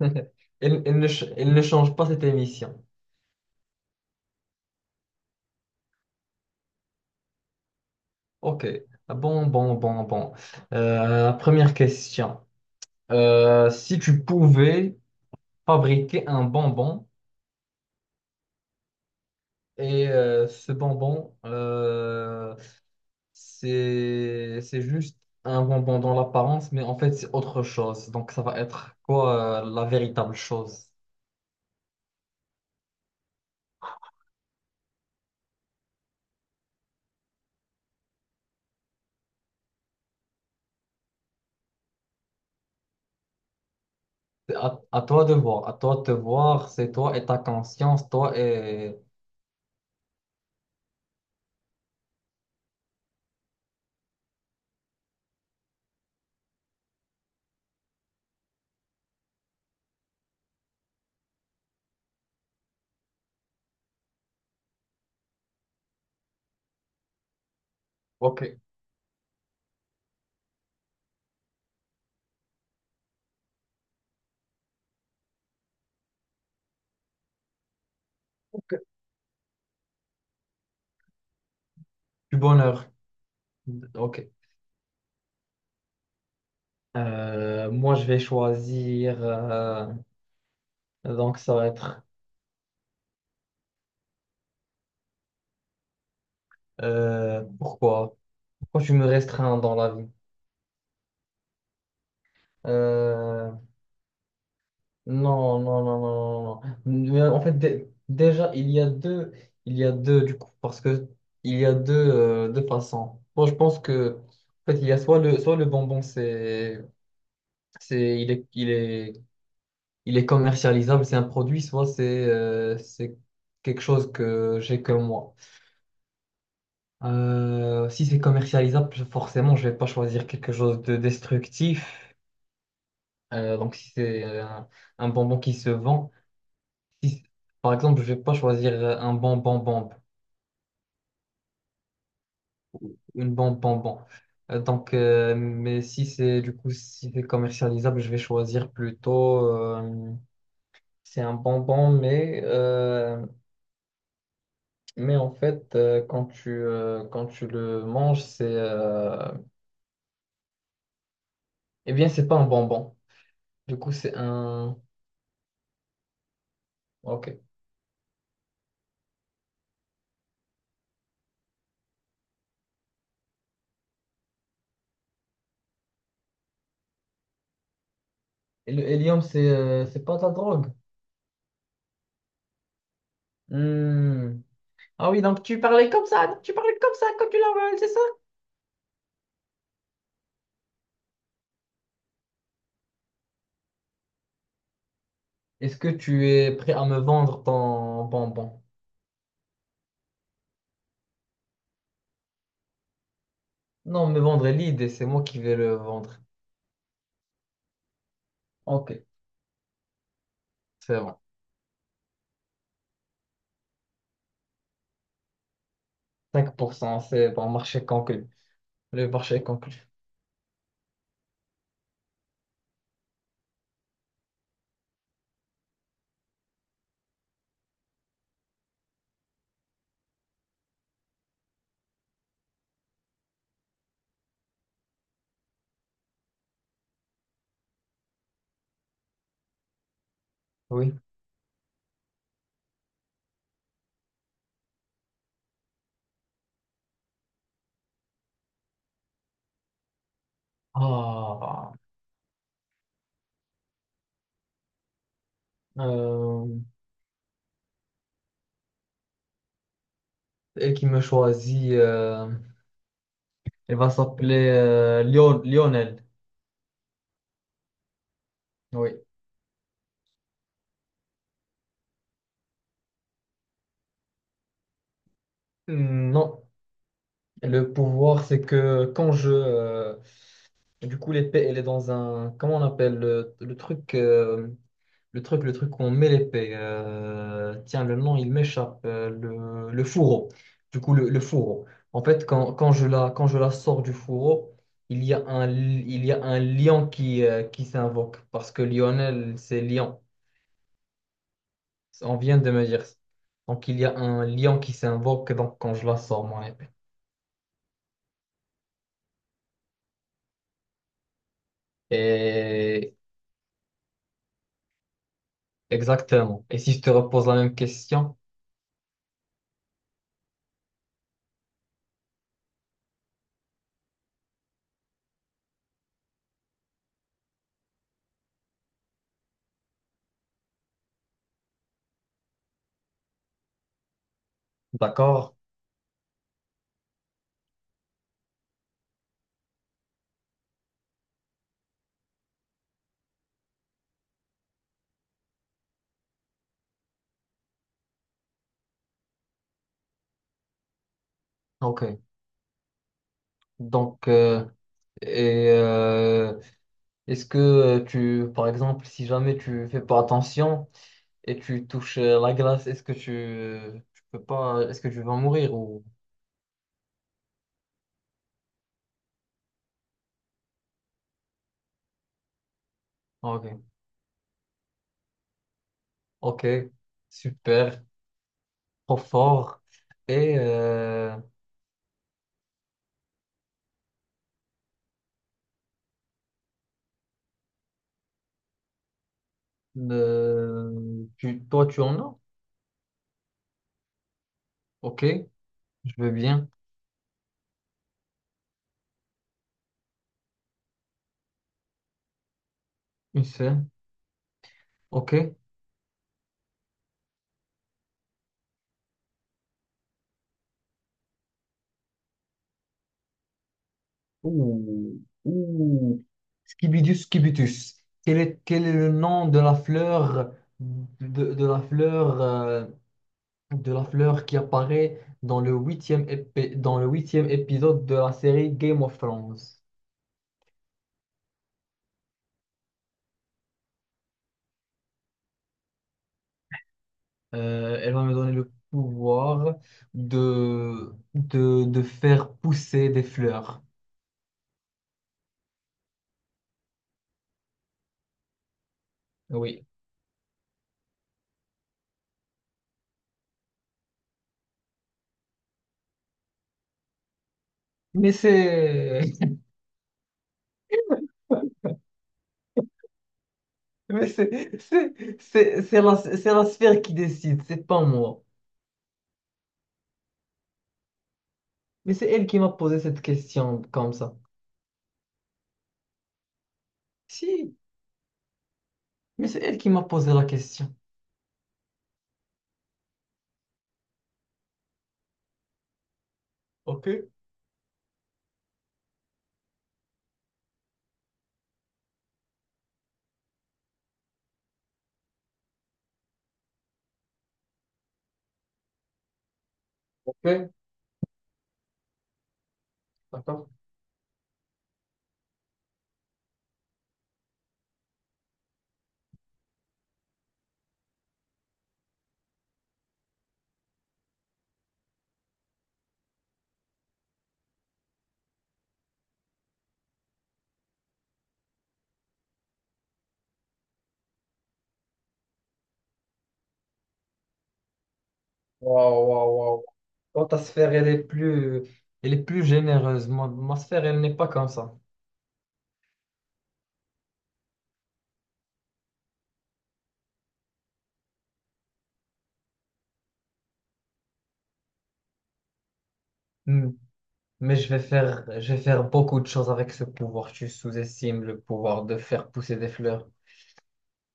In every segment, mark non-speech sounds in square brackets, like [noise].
[laughs] Il ne change pas cette émission. Ok. Ah bon, bon, bon, bon. Première question. Si tu pouvais fabriquer un bonbon et ce bonbon, c'est juste un bonbon dans l'apparence, mais en fait, c'est autre chose. Donc, ça va être quoi, la véritable chose? C'est à toi de voir. À toi de te voir. C'est toi et ta conscience. Toi et... Ok. Ok. Du bonheur. Ok. Moi, je vais choisir. Donc, ça va être. Pourquoi? Pourquoi je me restreins dans la vie? Euh, non, non, non, non, non, non. Mais en fait, déjà, il y a deux. Il y a deux, du coup, parce que il y a deux, deux façons. Moi, je pense que. En fait, il y a soit le bonbon, c'est, il est, il est commercialisable, c'est un produit, soit c'est quelque chose que j'ai que moi. Si c'est commercialisable, forcément, je vais pas choisir quelque chose de destructif. Donc, si c'est un bonbon qui se vend, si- par exemple, je vais pas choisir un bonbon bombe, une bombe bonbon. Donc, mais si c'est du coup, si c'est commercialisable, je vais choisir plutôt. euh, c'est un bonbon, mais en fait, quand tu le manges, c'est eh bien, c'est pas un bonbon. Du coup, c'est un Ok. Et le hélium, c'est pas de la drogue. Hmm. Ah oui, donc tu parlais comme ça, tu parlais comme ça quand tu l'avales, c'est ça? Est-ce que tu es prêt à me vendre ton bonbon? Non, me vendre est l'idée, c'est moi qui vais le vendre. Ok, c'est bon. 5%, c'est bon, marché conclu. Le marché est conclu. Oui. Ah, euh, elle qui me choisit, elle va s'appeler Lionel. Oui. Hmm, non, le pouvoir, c'est que quand je, du coup, l'épée, elle est dans un... Comment on appelle le, le truc, le truc où on met l'épée. Tiens, le nom, il m'échappe. Le fourreau. Du coup, le fourreau. En fait, quand je la, quand je la sors du fourreau, il y a un, il y a un lion qui s'invoque. Parce que Lionel, c'est lion. On vient de me dire ça. Donc, il y a un lion qui s'invoque donc, quand je la sors, mon épée. Et... Exactement. Et si je te repose la même question, d'accord? Ok. Donc, et est-ce que tu, par exemple, si jamais tu fais pas attention et tu touches la glace, est-ce que tu peux pas, est-ce que tu vas mourir ou... Ok, ok, super, trop fort. Et euh, Tu, toi, tu en as? Ok, je veux bien, une seule. Ok, ouh, ouh. Scibidus cubitus. Quel est le nom de la fleur de, de la fleur qui apparaît dans le huitième dans le huitième épisode de la série Game of Thrones? Elle va me donner le pouvoir de faire pousser des fleurs. Oui. Mais c'est [laughs] mais c'est la sphère qui décide, c'est pas moi. Mais c'est elle qui m'a posé cette question comme ça. Si, mais c'est elle qui m'a posé la question. Ok. Ok, d'accord. Waouh, waouh, waouh. Toi, ta sphère, elle est plus généreuse. Moi, ma sphère, elle n'est pas comme ça. Hmm. Mais je vais faire beaucoup de choses avec ce pouvoir. Tu sous-estimes le pouvoir de faire pousser des fleurs.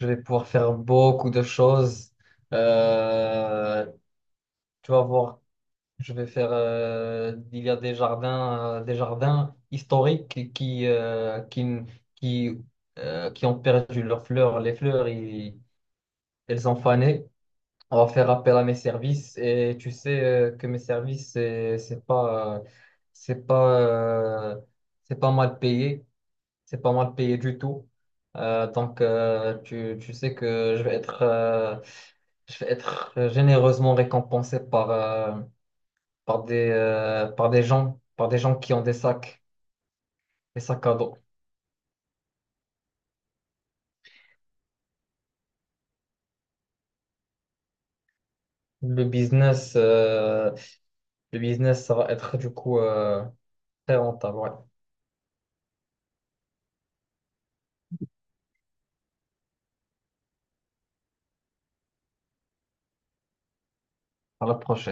Je vais pouvoir faire beaucoup de choses. Euh, Tu vas voir. Je vais faire. Il y a des jardins historiques qui, qui ont perdu leurs fleurs. Les fleurs, elles ont fané. On va faire appel à mes services et tu sais que mes services, c'est pas, euh, c'est pas mal payé. C'est pas mal payé du tout. Tu, tu sais que je vais être généreusement récompensé par, par des gens qui ont des sacs à dos. Le business, euh, le business, ça va être du coup très rentable, ouais, à l'approche.